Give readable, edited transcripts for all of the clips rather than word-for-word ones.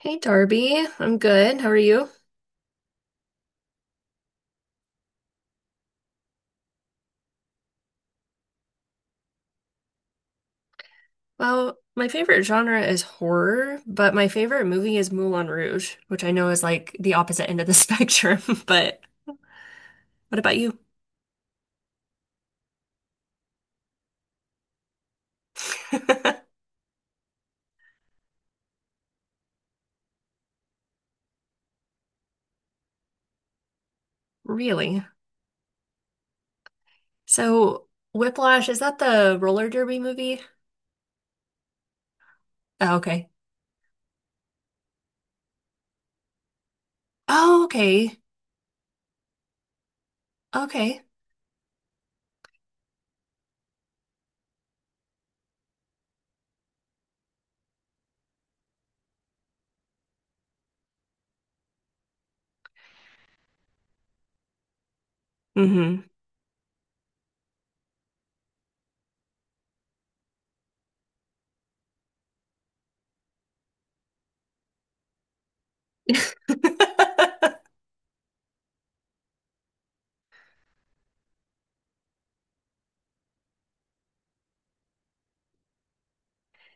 Hey Darby, I'm good. How are you? Well, my favorite genre is horror, but my favorite movie is Moulin Rouge, which I know is like the opposite end of the spectrum, but what about you? Really? So, Whiplash, is that the roller derby movie? Oh, okay. Oh, okay. Okay. Hmm.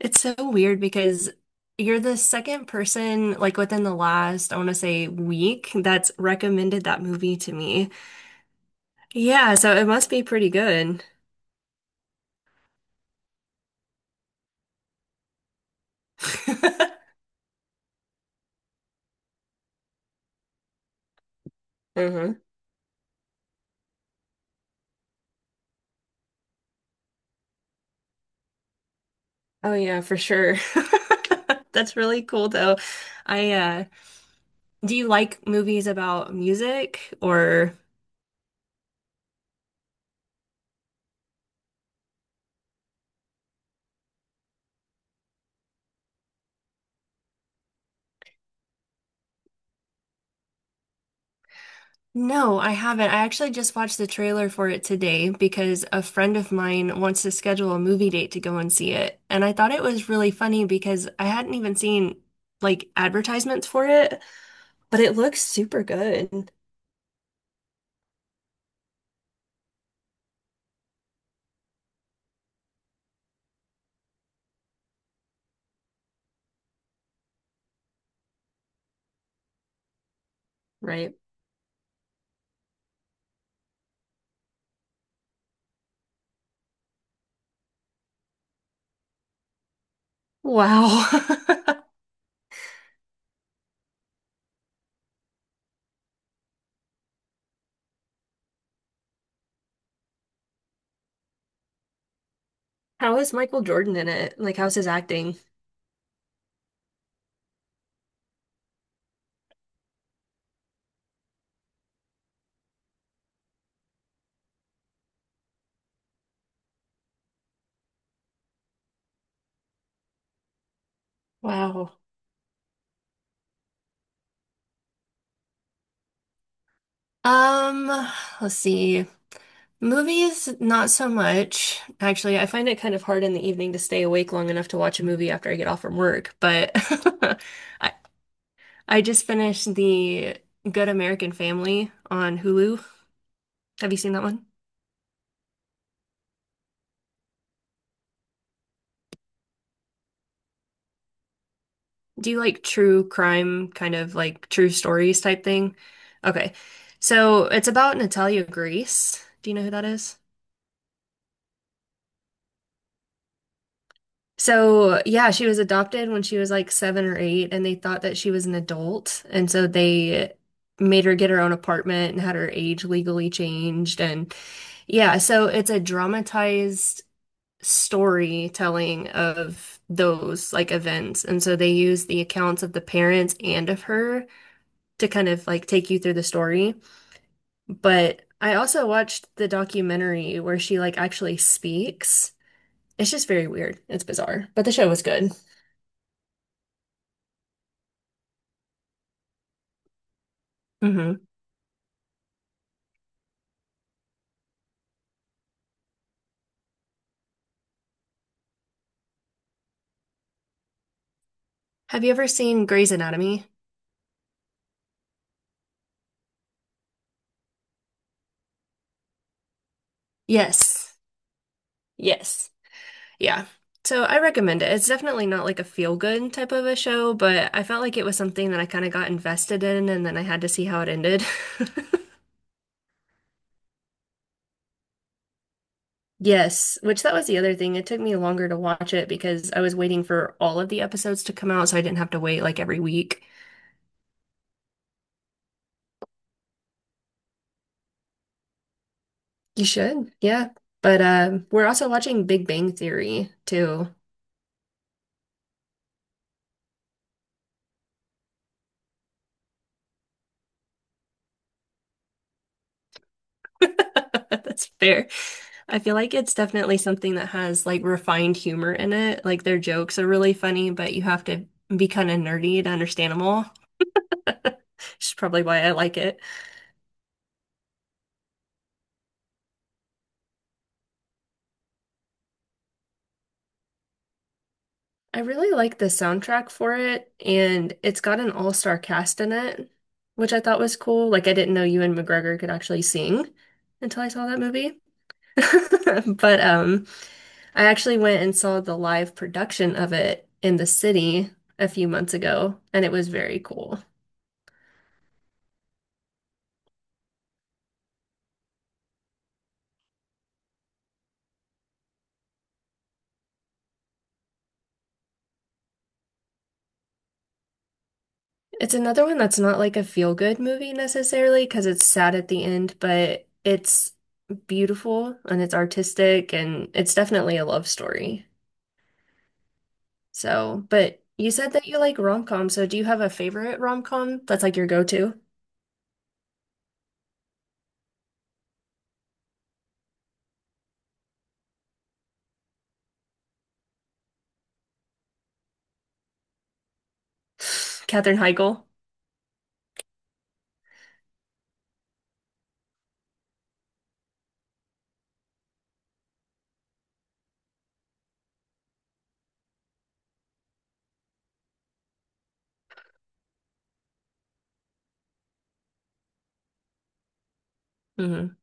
It's so weird because you're the second person, like within the last, I want to say, week that's recommended that movie to me. Yeah, so it must be pretty good. hmm Oh yeah, for sure. That's really cool though. I do you like movies about music or No, I haven't. I actually just watched the trailer for it today because a friend of mine wants to schedule a movie date to go and see it. And I thought it was really funny because I hadn't even seen like advertisements for it, but it looks super good. Right. Wow. How is Michael Jordan in it? Like, how's his acting? Wow. Um, let's see. Movies, not so much. Actually, I find it kind of hard in the evening to stay awake long enough to watch a movie after I get off from work, but I I just finished the Good American Family on Hulu. Have you seen that one? Do you like true crime, kind of like true stories type thing? Okay. So it's about Natalia Grace. Do you know who that is? So, yeah, she was adopted when she was like seven or eight, and they thought that she was an adult. And so they made her get her own apartment and had her age legally changed. And yeah, so it's a dramatized storytelling of those like events. And so they use the accounts of the parents and of her to kind of like take you through the story. But I also watched the documentary where she like actually speaks. It's just very weird. It's bizarre, but the show was good. Have you ever seen Grey's Anatomy? Yes. Yes. Yeah. So I recommend it. It's definitely not like a feel good type of a show, but I felt like it was something that I kind of got invested in and then I had to see how it ended. Yes, which that was the other thing. It took me longer to watch it because I was waiting for all of the episodes to come out, so I didn't have to wait like every week. You should, yeah. But we're also watching Big Bang Theory too. That's fair. I feel like it's definitely something that has like refined humor in it. Like their jokes are really funny, but you have to be kind of nerdy to understand them all, which is probably why I like it. I really like the soundtrack for it, and it's got an all-star cast in it, which I thought was cool. Like I didn't know Ewan McGregor could actually sing until I saw that movie. But I actually went and saw the live production of it in the city a few months ago, and it was very cool. It's another one that's not like a feel-good movie necessarily because it's sad at the end, but it's beautiful and it's artistic and it's definitely a love story. So, but you said that you like rom-com, so do you have a favorite rom-com that's like your go-to? Katherine Heigl. hmm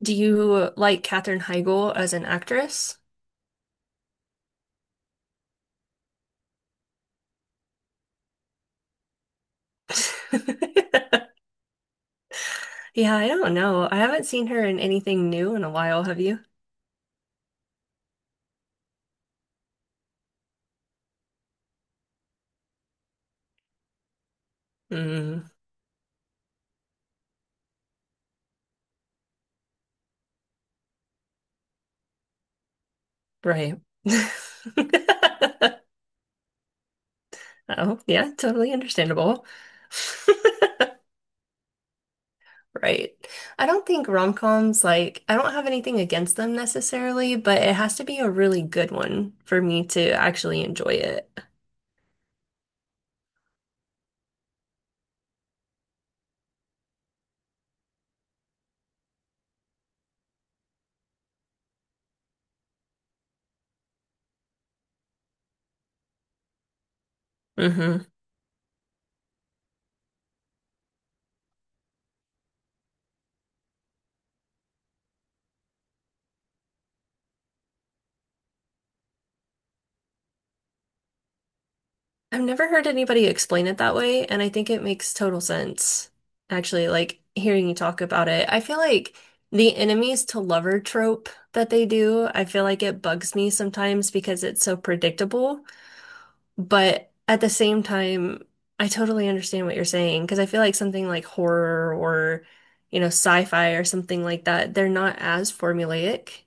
Do you like Katherine Heigl as an actress? Yeah, I don't know. I haven't seen her in anything new in a while, have you? Mm, right. Oh, yeah, totally understandable. Right. I don't think rom-coms, like, I don't have anything against them necessarily, but it has to be a really good one for me to actually enjoy it. hmm I've never heard anybody explain it that way, and I think it makes total sense. Actually, like hearing you talk about it, I feel like the enemies to lover trope that they do, I feel like it bugs me sometimes because it's so predictable. But at the same time, I totally understand what you're saying because I feel like something like horror or, you know, sci-fi or something like that, they're not as formulaic.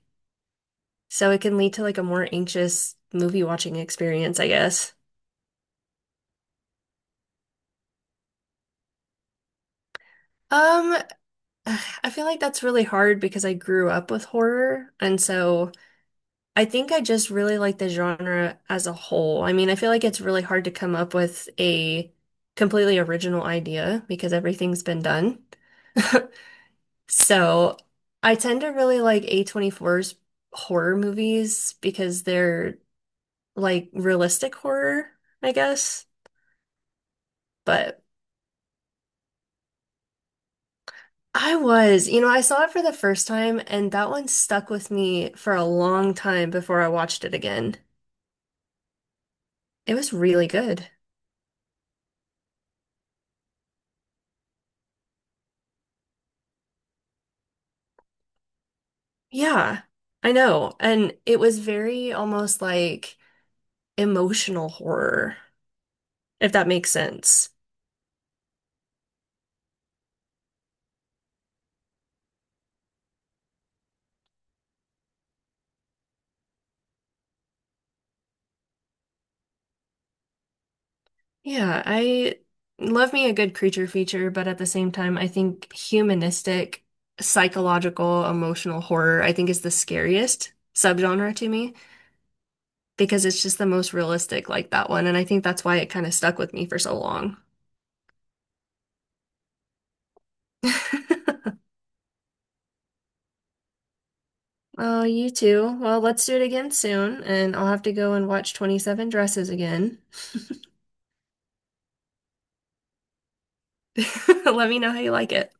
So it can lead to like a more anxious movie watching experience, I guess. Um, I feel like that's really hard because I grew up with horror, and so I think I just really like the genre as a whole. I mean, I feel like it's really hard to come up with a completely original idea because everything's been done. So I tend to really like a A24's horror movies because they're like realistic horror, I guess. But I was, you know, I saw it for the first time and that one stuck with me for a long time before I watched it again. It was really good. Yeah, I know. And it was very almost like emotional horror, if that makes sense. Yeah, I love me a good creature feature, but at the same time, I think humanistic, psychological, emotional horror, I think is the scariest subgenre to me because it's just the most realistic, like that one. And I think that's why it kind of stuck with me for so long. Oh, you too. Well, let's do it again soon, and I'll have to go and watch 27 Dresses again. Let me know how you like it.